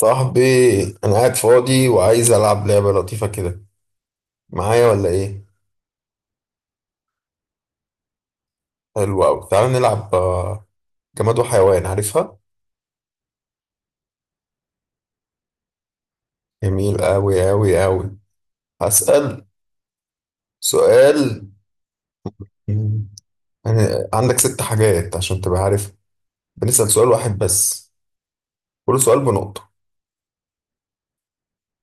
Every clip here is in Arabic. صاحبي، انا قاعد فاضي وعايز العب لعبه لطيفه كده، معايا ولا ايه؟ حلو قوي، تعال نلعب جماد وحيوان، عارفها؟ جميل قوي قوي قوي. هسأل سؤال. مم. يعني عندك ست حاجات عشان تبقى عارف. بنسأل سؤال واحد بس. كل سؤال بنقطه.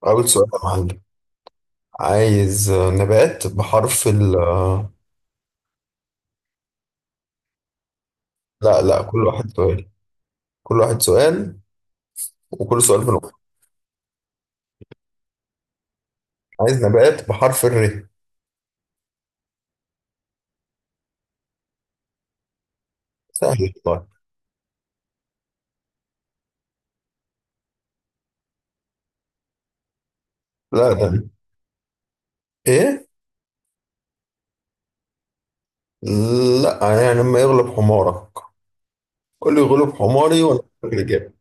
اول سؤال يا معلم. عايز نبات بحرف ال لا لا، كل واحد سؤال. كل واحد سؤال، وكل سؤال بنقطه. عايز نبات بحرف الر. سهل والله. لا، ده ايه؟ لا، يعني لما يغلب حمارك قول لي يغلب حماري وانا أقول لك الإجابة.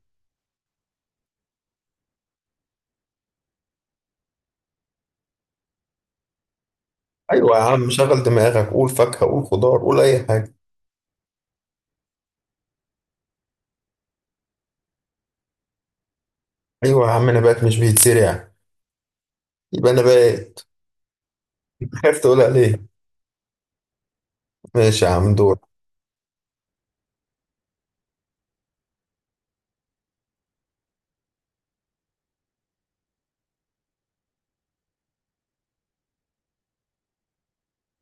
أيوة يا عم، شغل دماغك، قول فاكهة، قول خضار، قول أي حاجة. أيوة يا عم، نبات مش بيتزرع يبقى نبات. خايف تقولها ليه؟ ماشي يا عم، دور.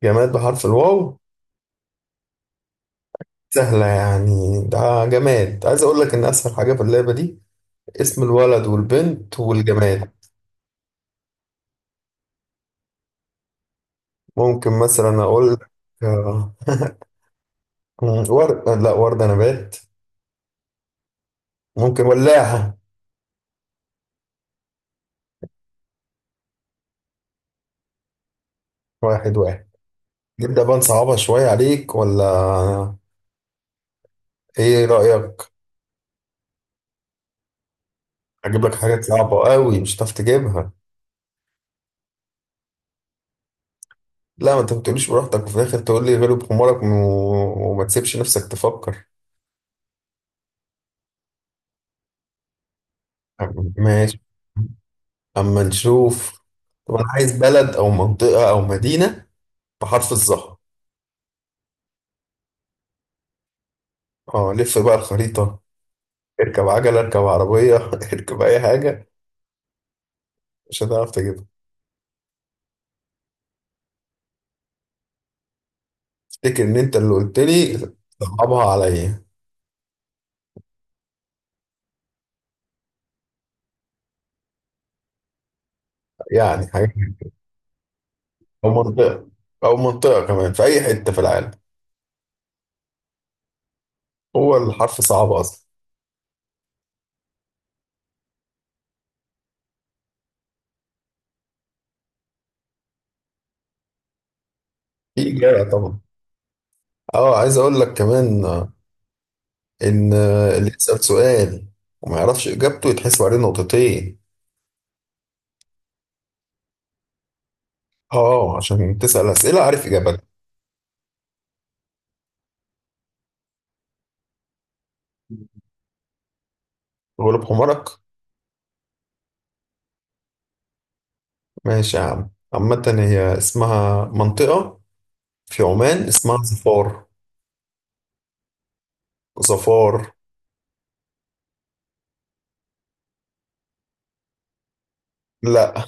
جماد بحرف الواو. سهلة يعني ده. جماد، عايز أقول لك إن أسهل حاجة في اللعبة دي اسم الولد والبنت والجماد. ممكن مثلا أقول لك آه، ورد، لا وردة نبات. ممكن ولاعة. واحد واحد. نبدأ بقى نصعبها شوية عليك، ولا إيه رأيك؟ أجيب لك حاجات صعبة قوي مش هتعرف تجيبها. لا، ما أنت ما بتقوليش براحتك وفي الآخر تقول لي غلب حمارك وما تسيبش نفسك تفكر. ماشي، أما نشوف. طب أنا عايز بلد أو منطقة أو مدينة بحرف الظهر. أه، لف بقى الخريطة. اركب عجلة، اركب عربية اركب أي حاجة، مش هتعرف تجيبها. افتكر إن أنت اللي قلت لي صعبها عليا، يعني حاجة. أو منطقة، أو منطقة كمان في أي حتة في العالم. هو الحرف صعب أصلا. في إجابة طبعا. أه، عايز أقول لك كمان إن اللي يسأل سؤال وما يعرفش إجابته يتحسب عليه نقطتين. أه، عشان تسأل أسئلة عارف إجابتها. غلب حمارك. ماشي يا عم، عامة هي اسمها منطقة في عمان، اسمها ظفار. ظفار. لا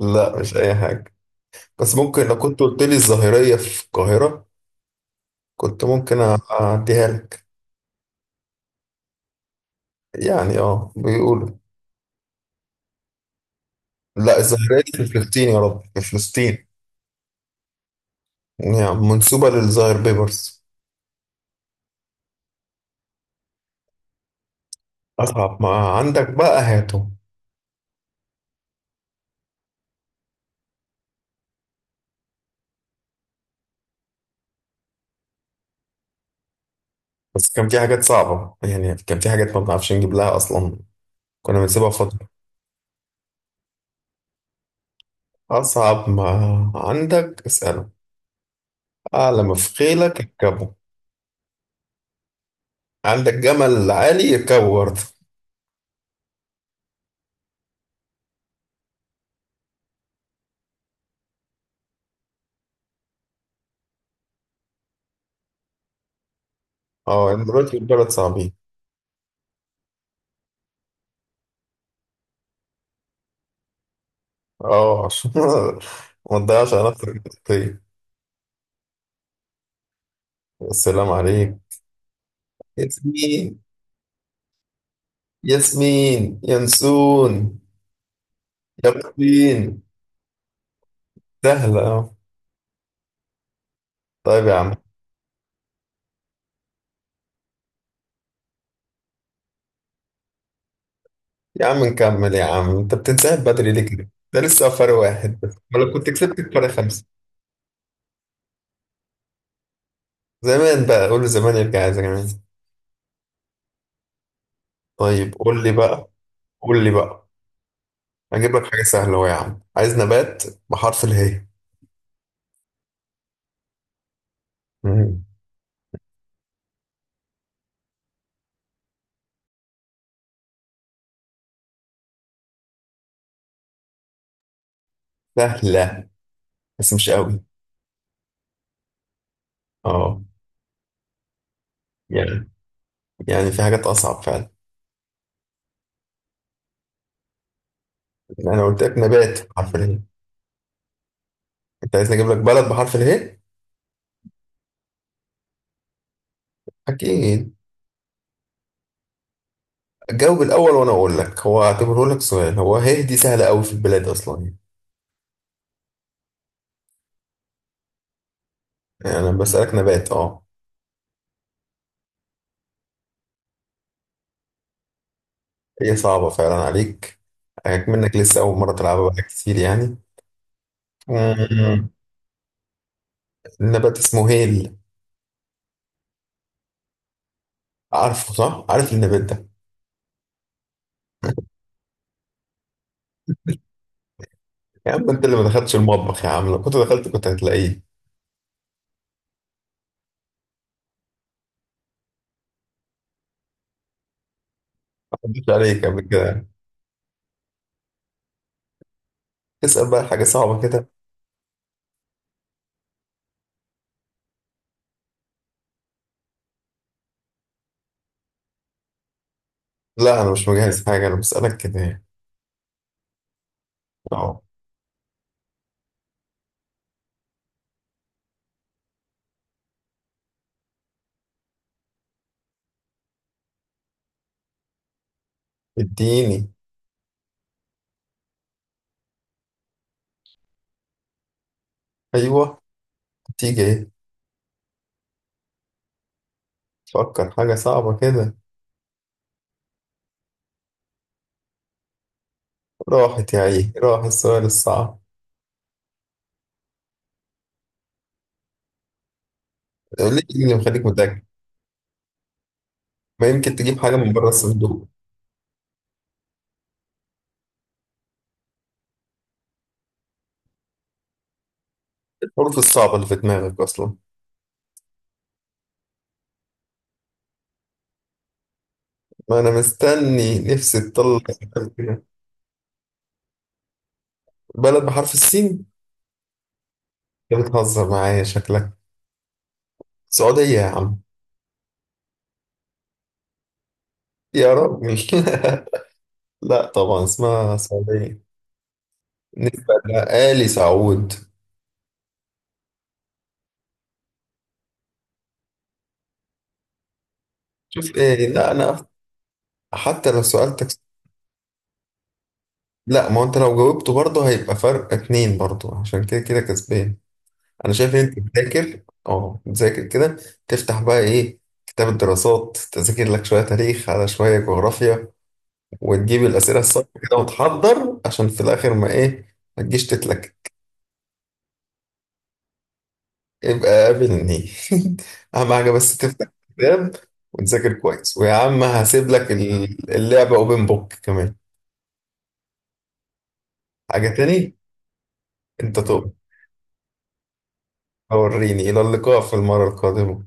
لا، مش أي حاجة، بس ممكن لو كنت قلت لي الظاهرية في القاهرة كنت ممكن أعديها لك. يعني اه بيقولوا. لا، الظاهرية دي في فلسطين، يا رب في فلسطين. يعني منسوبة للظاهر بيبرس. أصعب ما عندك بقى هاته. بس كان في حاجات صعبة، يعني كان في حاجات ما بنعرفش نجيب لها أصلا، كنا بنسيبها فترة. أصعب ما عندك اسأله. أعلى ما في خيلك اركبه. عندك جمل عالي يركبه برضه. اه، دلوقتي البلد صعبين. اه، عشان ما تضيعش على نفسك، طيب. السلام عليك، اسمي ياسمين ينسون يقين. سهلة أهو. طيب يا عم، يا عم نكمل، يا عم انت بتنسحب بدري ليه كده؟ ده لسه فرق واحد بس، ولا كنت كسبتك فرق خمسة. زمان بقى، قول له زمان يرجع يا زمان. طيب قول لي بقى. قول لي بقى، هجيب لك حاجة سهلة أهو. يا عم عايز نبات بحرف اله. مم. سهلة بس مش قوي. اه، يعني يعني في حاجات أصعب فعلا. أنا قلت لك نبات بحرف اله. انت عايز نجيب لك بلد بحرف اله؟ أكيد. جاوب الأول وأنا أقول لك، هو اعتبره لك سؤال، هو هي دي سهلة أوي في البلاد أصلا. يعني أنا بسألك نبات، أه. هي صعبة فعلا عليك، عليك منك لسه أول مرة تلعبها بقى كتير يعني. مم. النبات اسمه هيل. عارفه صح؟ عارف النبات ده؟ يا عم أنت اللي ما دخلتش المطبخ يا عم، لو كنت دخلت كنت هتلاقيه. ما عدتش عليك قبل كده. تسأل بقى حاجة صعبة كده. لا أنا مش مجهز حاجة، أنا بسألك كده يعني. أه. اديني. أيوه، تيجي إيه؟ تفكر حاجة صعبة كده. راحت يا عيني، راح السؤال الصعب. ليه؟ إيه اللي مخليك متأكد؟ ما يمكن تجيب حاجة من بره الصندوق. الحروف الصعبة اللي في دماغك أصلا. ما أنا مستني نفسي تطلع. سؤال كده. بلد بحرف السين؟ أنت بتهزر معايا شكلك. سعودية يا عم. يا راجل لا طبعا اسمها سعودية، نسبة لآل سعود. شوف إيه، لا أنا حتى لو سألتك. لا، ما هو أنت لو جاوبته برضه هيبقى فرق اتنين برضه، عشان كده كده كسبان. انا شايف ان انت بتذاكر، اه بتذاكر كده، تفتح بقى ايه كتاب الدراسات، تذاكر لك شويه تاريخ على شويه جغرافيا، وتجيب الاسئله الصح كده وتحضر عشان في الاخر ما ايه ما تجيش تتلك. يبقى قابلني. اهم حاجه بس تفتح الكتاب وتذاكر كويس، ويا عم هسيب لك اللعبه اوبن بوك كمان. حاجه تاني انت تقول. وريني، الى اللقاء في المره القادمه.